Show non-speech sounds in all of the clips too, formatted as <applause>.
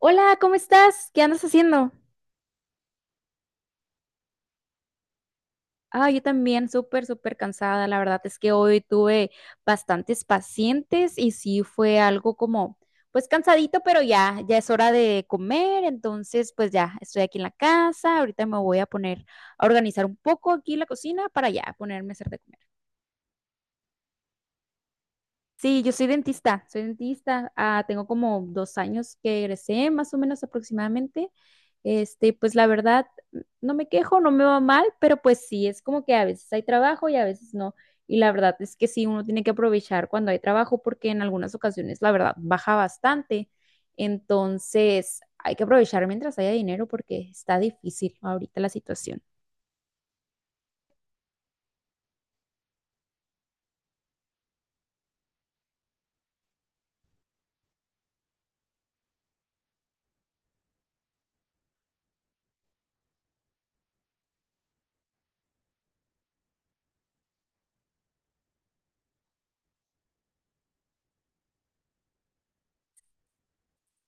Hola, ¿cómo estás? ¿Qué andas haciendo? Ah, yo también, súper, súper cansada. La verdad es que hoy tuve bastantes pacientes y sí fue algo como, pues cansadito, pero ya, ya es hora de comer. Entonces, pues ya, estoy aquí en la casa. Ahorita me voy a poner a organizar un poco aquí la cocina para ya ponerme a hacer de comer. Sí, yo soy dentista, soy dentista. Ah, tengo como dos años que egresé, más o menos aproximadamente. Pues la verdad, no me quejo, no me va mal, pero pues sí, es como que a veces hay trabajo y a veces no. Y la verdad es que sí, uno tiene que aprovechar cuando hay trabajo porque en algunas ocasiones la verdad baja bastante. Entonces, hay que aprovechar mientras haya dinero porque está difícil ahorita la situación.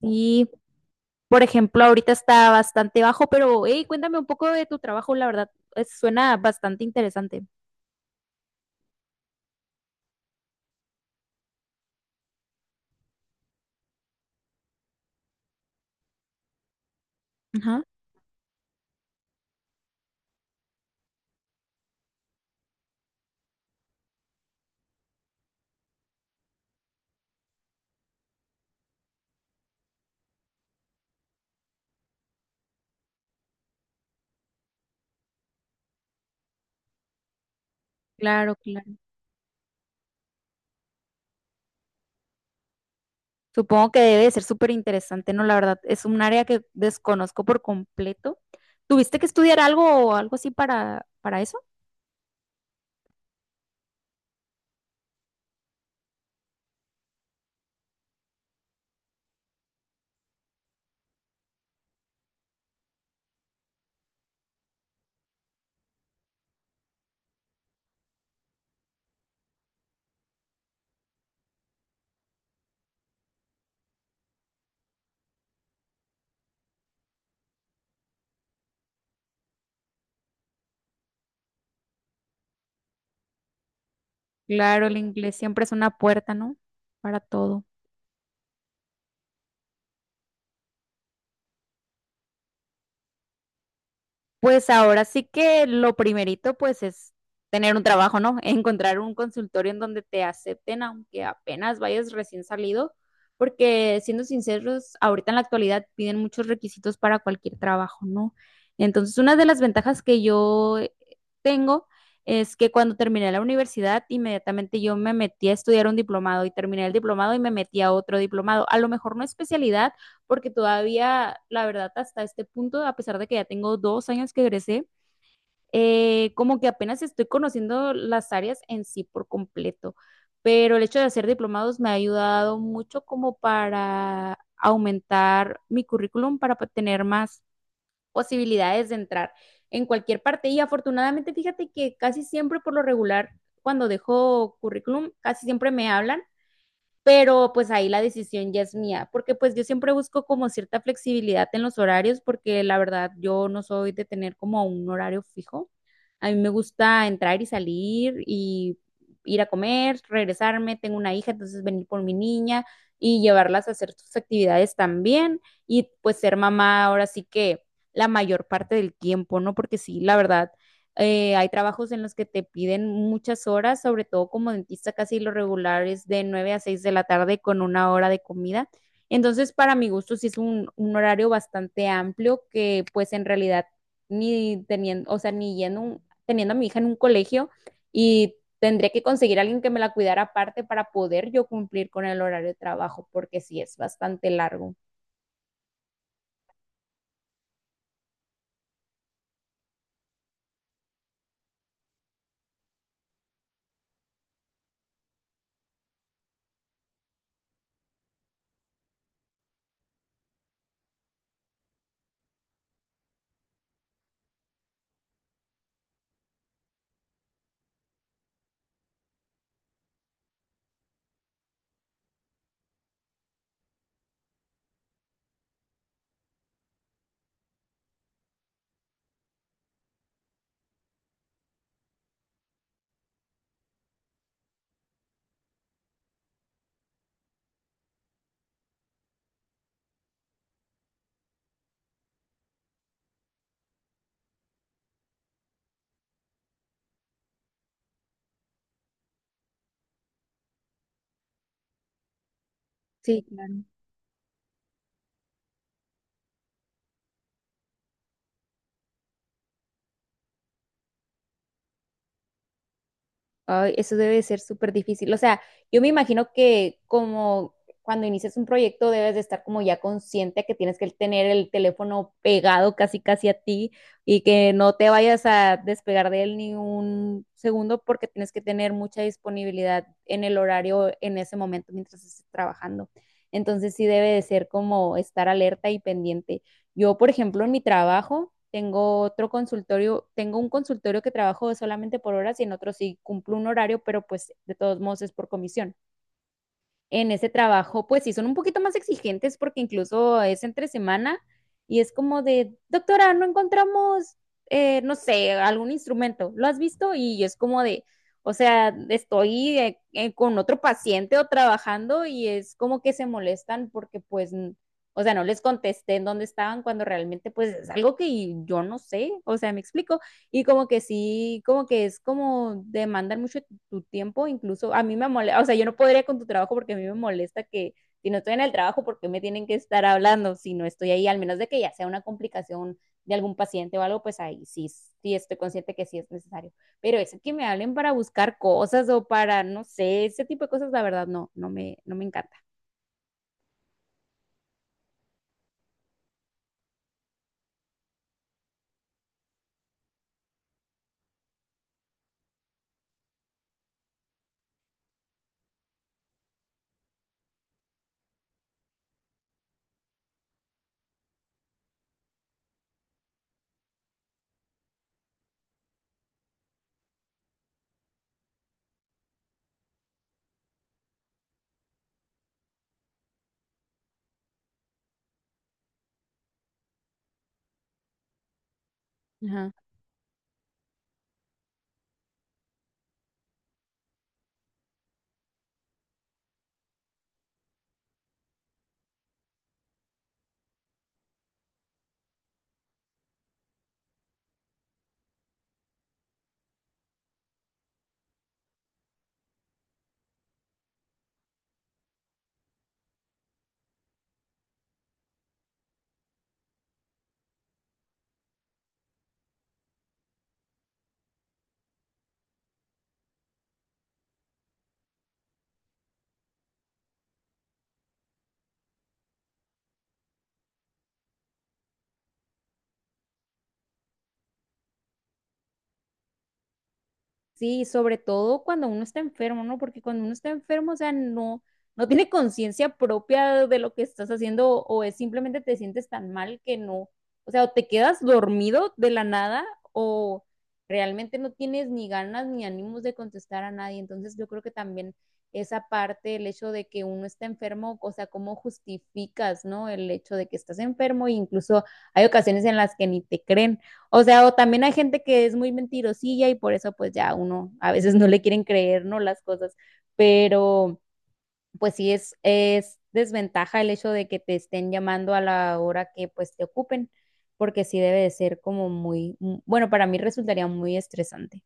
Y por ejemplo, ahorita está bastante bajo, pero hey, cuéntame un poco de tu trabajo, la verdad, suena bastante interesante. Ajá. Claro, claro. Supongo que debe de ser súper interesante, ¿no? La verdad, es un área que desconozco por completo. ¿Tuviste que estudiar algo o algo así para eso? Claro, el inglés siempre es una puerta, ¿no? Para todo. Pues ahora sí que lo primerito pues es tener un trabajo, ¿no? <laughs> Encontrar un consultorio en donde te acepten aunque apenas vayas recién salido, porque siendo sinceros, ahorita en la actualidad piden muchos requisitos para cualquier trabajo, ¿no? Entonces, una de las ventajas que yo tengo es que cuando terminé la universidad, inmediatamente yo me metí a estudiar un diplomado y terminé el diplomado y me metí a otro diplomado. A lo mejor no especialidad, porque todavía, la verdad, hasta este punto, a pesar de que ya tengo dos años que egresé, como que apenas estoy conociendo las áreas en sí por completo, pero el hecho de hacer diplomados me ha ayudado mucho como para aumentar mi currículum, para tener más posibilidades de entrar en cualquier parte. Y afortunadamente, fíjate que casi siempre por lo regular, cuando dejo currículum, casi siempre me hablan, pero pues ahí la decisión ya es mía, porque pues yo siempre busco como cierta flexibilidad en los horarios, porque la verdad yo no soy de tener como un horario fijo. A mí me gusta entrar y salir y ir a comer, regresarme, tengo una hija, entonces venir por mi niña y llevarlas a hacer sus actividades también y pues ser mamá ahora sí que la mayor parte del tiempo, ¿no? Porque sí, la verdad, hay trabajos en los que te piden muchas horas, sobre todo como dentista, casi lo regular es de 9 a 6 de la tarde con una hora de comida. Entonces, para mi gusto, sí es un horario bastante amplio que pues en realidad ni teniendo, o sea, ni yendo teniendo a mi hija en un colegio y tendría que conseguir a alguien que me la cuidara aparte para poder yo cumplir con el horario de trabajo, porque sí es bastante largo. Sí, claro. Ay, eso debe de ser súper difícil. O sea, yo me imagino que como cuando inicias un proyecto debes de estar como ya consciente que tienes que tener el teléfono pegado casi casi a ti y que no te vayas a despegar de él ni un segundo porque tienes que tener mucha disponibilidad en el horario en ese momento mientras estés trabajando. Entonces sí debe de ser como estar alerta y pendiente. Yo, por ejemplo, en mi trabajo tengo otro consultorio, tengo un consultorio que trabajo solamente por horas y en otro sí cumplo un horario, pero pues de todos modos es por comisión en ese trabajo, pues sí, son un poquito más exigentes porque incluso es entre semana y es como de, doctora, no encontramos, no sé, algún instrumento, ¿lo has visto? Y es como de, o sea, estoy con otro paciente o trabajando y es como que se molestan porque pues, o sea, no les contesté en dónde estaban cuando realmente pues es algo que yo no sé, o sea, me explico. Y como que sí, como que es como demandan mucho tu tiempo, incluso a mí me molesta, o sea, yo no podría con tu trabajo porque a mí me molesta que si no estoy en el trabajo, ¿por qué me tienen que estar hablando si no estoy ahí? Al menos de que ya sea una complicación de algún paciente o algo, pues ahí sí, sí estoy consciente que sí es necesario. Pero eso que me hablen para buscar cosas o para, no sé, ese tipo de cosas, la verdad, no, no me encanta. Ajá. Sí, sobre todo cuando uno está enfermo, ¿no? Porque cuando uno está enfermo, o sea, no tiene conciencia propia de lo que estás haciendo o es simplemente te sientes tan mal que no, o sea, o te quedas dormido de la nada o realmente no tienes ni ganas ni ánimos de contestar a nadie. Entonces, yo creo que también esa parte, el hecho de que uno está enfermo, o sea, cómo justificas, ¿no? El hecho de que estás enfermo e incluso hay ocasiones en las que ni te creen. O sea, o también hay gente que es muy mentirosilla y por eso pues ya uno a veces <laughs> no le quieren creer, ¿no? Las cosas, pero pues sí es desventaja el hecho de que te estén llamando a la hora que pues te ocupen, porque sí debe de ser como muy, bueno, para mí resultaría muy estresante.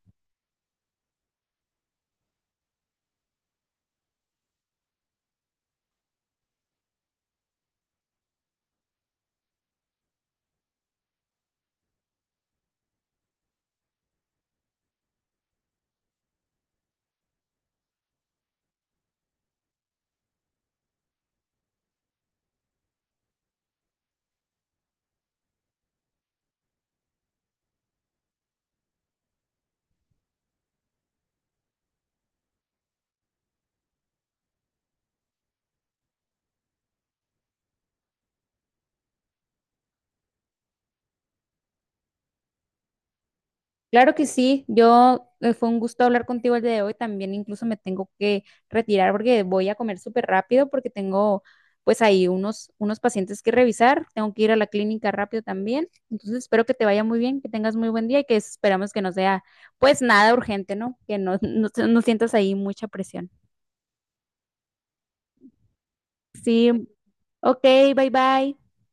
Claro que sí, yo fue un gusto hablar contigo el día de hoy. También incluso me tengo que retirar porque voy a comer súper rápido porque tengo pues ahí unos pacientes que revisar. Tengo que ir a la clínica rápido también. Entonces espero que te vaya muy bien, que tengas muy buen día y que esperamos que no sea pues nada urgente, ¿no? Que no, <laughs> no sientas ahí mucha presión. Sí, ok, bye bye.